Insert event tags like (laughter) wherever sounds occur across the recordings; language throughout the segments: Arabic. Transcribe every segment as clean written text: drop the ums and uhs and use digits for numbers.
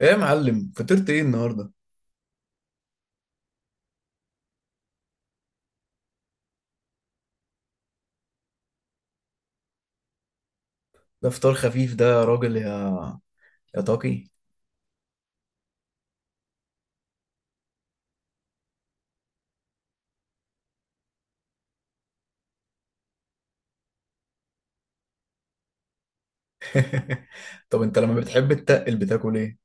ايه يا معلم، فطرت ايه النهارده؟ ده فطار خفيف ده يا راجل؟ يا طاقي. (laughs) طب انت لما بتحب تتقل بتاكل ايه؟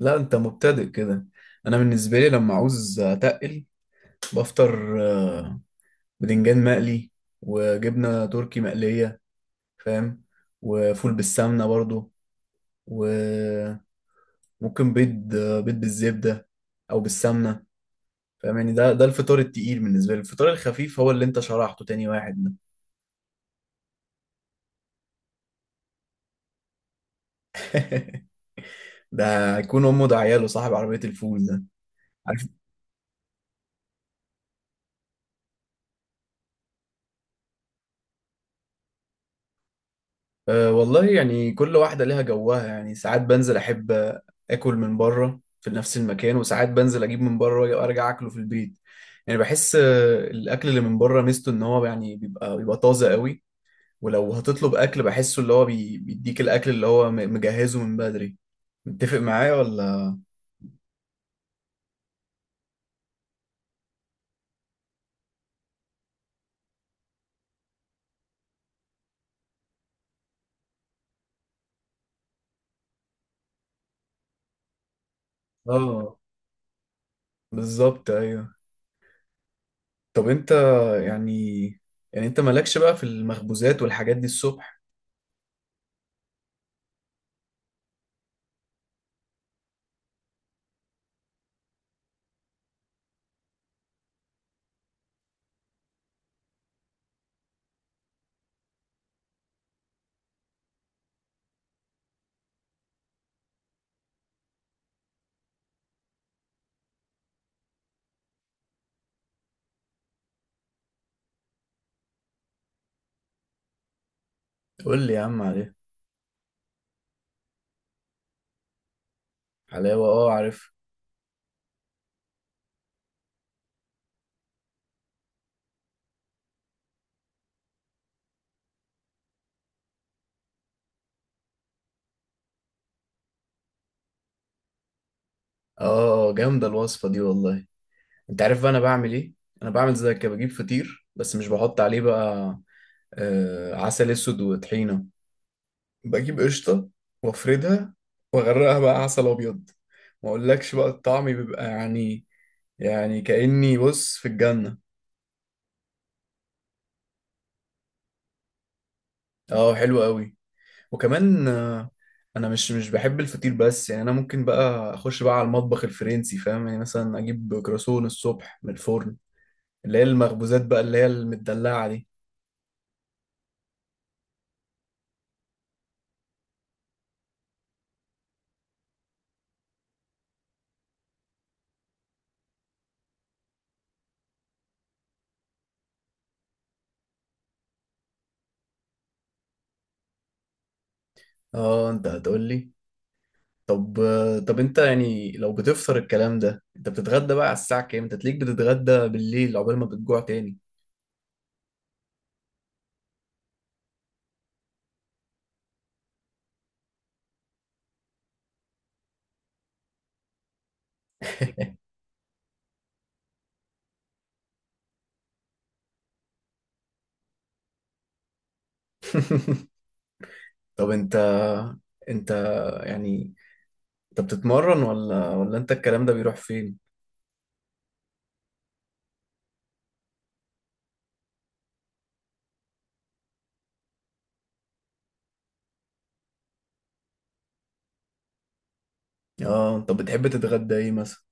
لا انت مبتدئ كده. انا بالنسبه لي لما عاوز اتقل بفطر بدنجان مقلي، وجبنه تركي مقليه، فاهم؟ وفول بالسمنه برضو. وممكن بيض، بيض بالزبده او بالسمنه، فاهم؟ يعني ده الفطار التقيل بالنسبه لي. الفطار الخفيف هو اللي انت شرحته، تاني واحد ده. ده هيكون امه ده عياله صاحب عربيه الفول ده. عارف، أه والله يعني كل واحدة ليها جوها. يعني ساعات بنزل أحب آكل من بره في نفس المكان، وساعات بنزل أجيب من بره وأرجع أكله في البيت. يعني بحس الأكل اللي من بره ميزته إن هو يعني بيبقى طازة قوي. ولو هتطلب أكل بحسه اللي هو بيديك الأكل اللي هو مجهزه من بدري. متفق معايا ولا؟ آه بالظبط، أيوه. طب أنت يعني، يعني أنت مالكش بقى في المخبوزات والحاجات دي الصبح؟ قول لي يا عم عليها. حلاوة، آه عارف. اه جامدة الوصفة دي والله. انت عارف بقى انا بعمل ايه؟ انا بعمل زي كده، بجيب فطير بس مش بحط عليه بقى آه عسل اسود وطحينة. بجيب قشطة وافردها واغرقها بقى عسل ابيض. ما اقولكش بقى الطعم بيبقى يعني، يعني كأني بص في الجنة. اه حلو قوي. وكمان آه انا مش بحب الفطير، بس يعني انا ممكن بقى اخش بقى على المطبخ الفرنسي، فاهم؟ يعني مثلا اجيب كراسون الصبح من الفرن، اللي هي المخبوزات بقى اللي هي المدلعة دي. اه انت هتقول لي. طب، طب انت يعني لو بتفطر الكلام ده، انت بتتغدى بقى على الساعة كام؟ انت تليك بتتغدى بالليل عقبال ما بتجوع تاني؟ (laughs) طب انت، انت يعني انت بتتمرن ولا انت الكلام ده بيروح فين؟ اه طب بتحب تتغدى ايه مثلا؟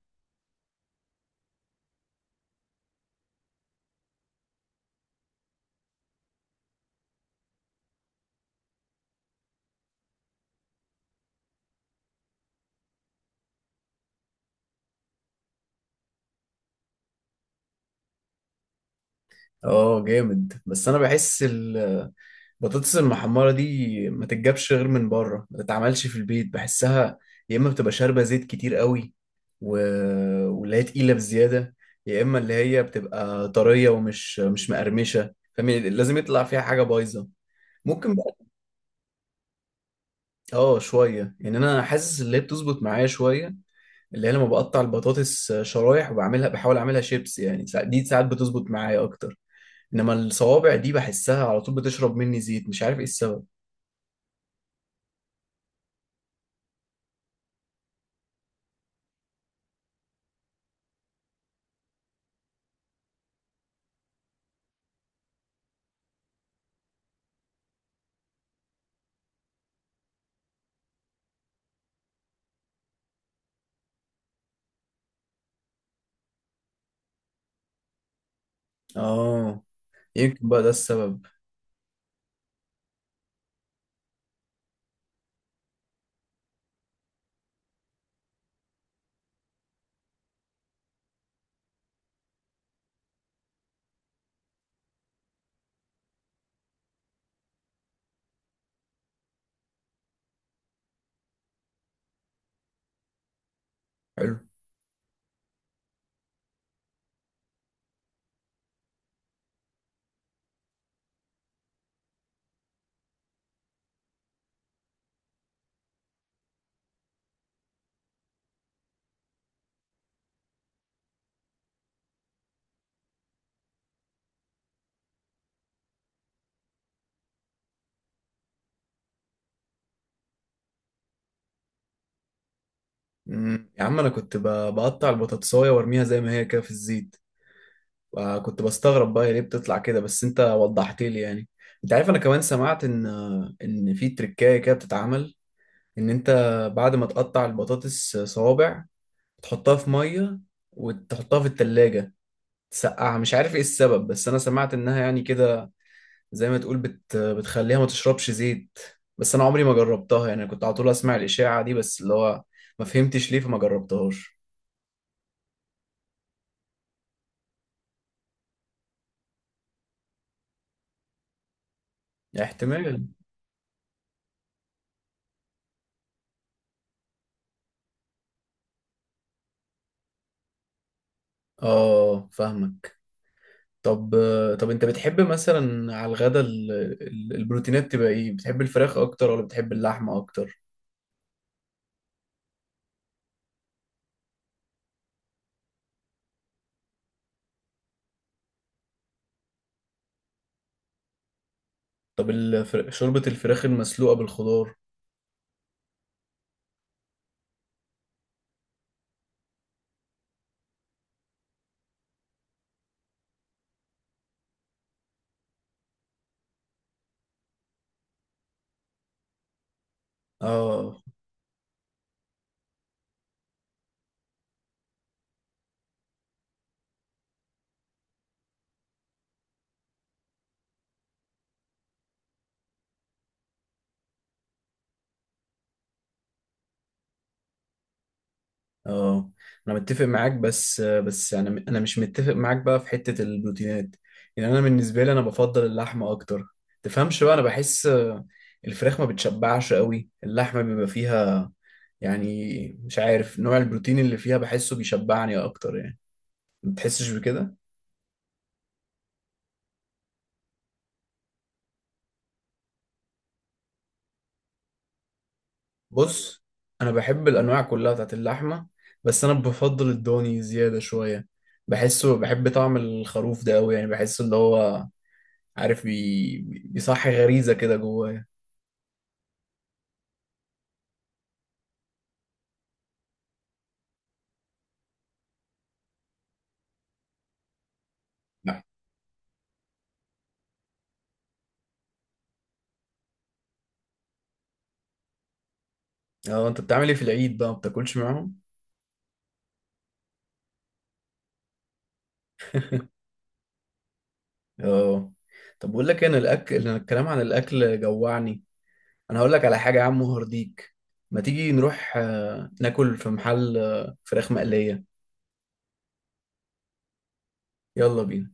اه جامد، بس انا بحس بطاطس المحمرة دي ما تتجابش غير من بره، ما تتعملش في البيت بحسها يا إما بتبقى شاربة زيت كتير قوي، و... واللي هي تقيلة بزيادة، يا إما اللي هي بتبقى طرية ومش مش مقرمشة، فاهم؟ يعني لازم يطلع فيها حاجة بايظة. ممكن بقى اه شوية، يعني أنا حاسس اللي هي بتظبط معايا شوية، اللي هي لما بقطع البطاطس شرايح وبعملها بحاول أعملها شيبس يعني، دي ساعات بتظبط معايا أكتر. إنما الصوابع دي بحسها على طول بتشرب مني زيت، مش عارف إيه السبب. اه يمكن بقى ده السبب. حلو. يا عم انا كنت بقطع البطاطسايه وارميها زي ما هي كده في الزيت، وكنت بستغرب بقى هي ليه بتطلع كده، بس انت وضحت لي يعني. انت عارف انا كمان سمعت ان، ان في تركايه كده بتتعمل، ان انت بعد ما تقطع البطاطس صوابع تحطها في ميه وتحطها في التلاجة تسقعها. مش عارف ايه السبب، بس انا سمعت انها يعني كده زي ما تقول بتخليها ما تشربش زيت. بس انا عمري ما جربتها، يعني كنت على طول اسمع الاشاعة دي، بس اللي هو ما فهمتش ليه فما جربتهاش. احتمال. اه فاهمك. طب، طب انت بتحب مثلا على الغدا البروتينات تبقى ايه؟ بتحب الفراخ اكتر ولا بتحب اللحمة اكتر؟ طب شوربة الفراخ المسلوقة بالخضار؟ اه. اه انا متفق معاك، بس بس انا، انا مش متفق معاك بقى في حتة البروتينات. يعني انا بالنسبة لي انا بفضل اللحمة اكتر، تفهمش بقى؟ انا بحس الفراخ ما بتشبعش قوي، اللحمة بيبقى فيها يعني، مش عارف نوع البروتين اللي فيها بحسه بيشبعني اكتر يعني. ما بتحسش بكده؟ بص، انا بحب الانواع كلها بتاعت اللحمة، بس انا بفضل الضاني زيادة شوية. بحسه، بحب طعم الخروف ده قوي يعني، بحسه اللي هو عارف بيصحي غريزة كده جوايا. نعم. اه انت بتعمل ايه في العيد بقى؟ ما بتاكلش معاهم؟ اه طب بقول لك إيه، انا الاكل، أنا الكلام عن الاكل جوعني. انا هقول لك على حاجه يا عم هرديك، ما تيجي نروح ناكل في محل فراخ مقليه. يلا بينا.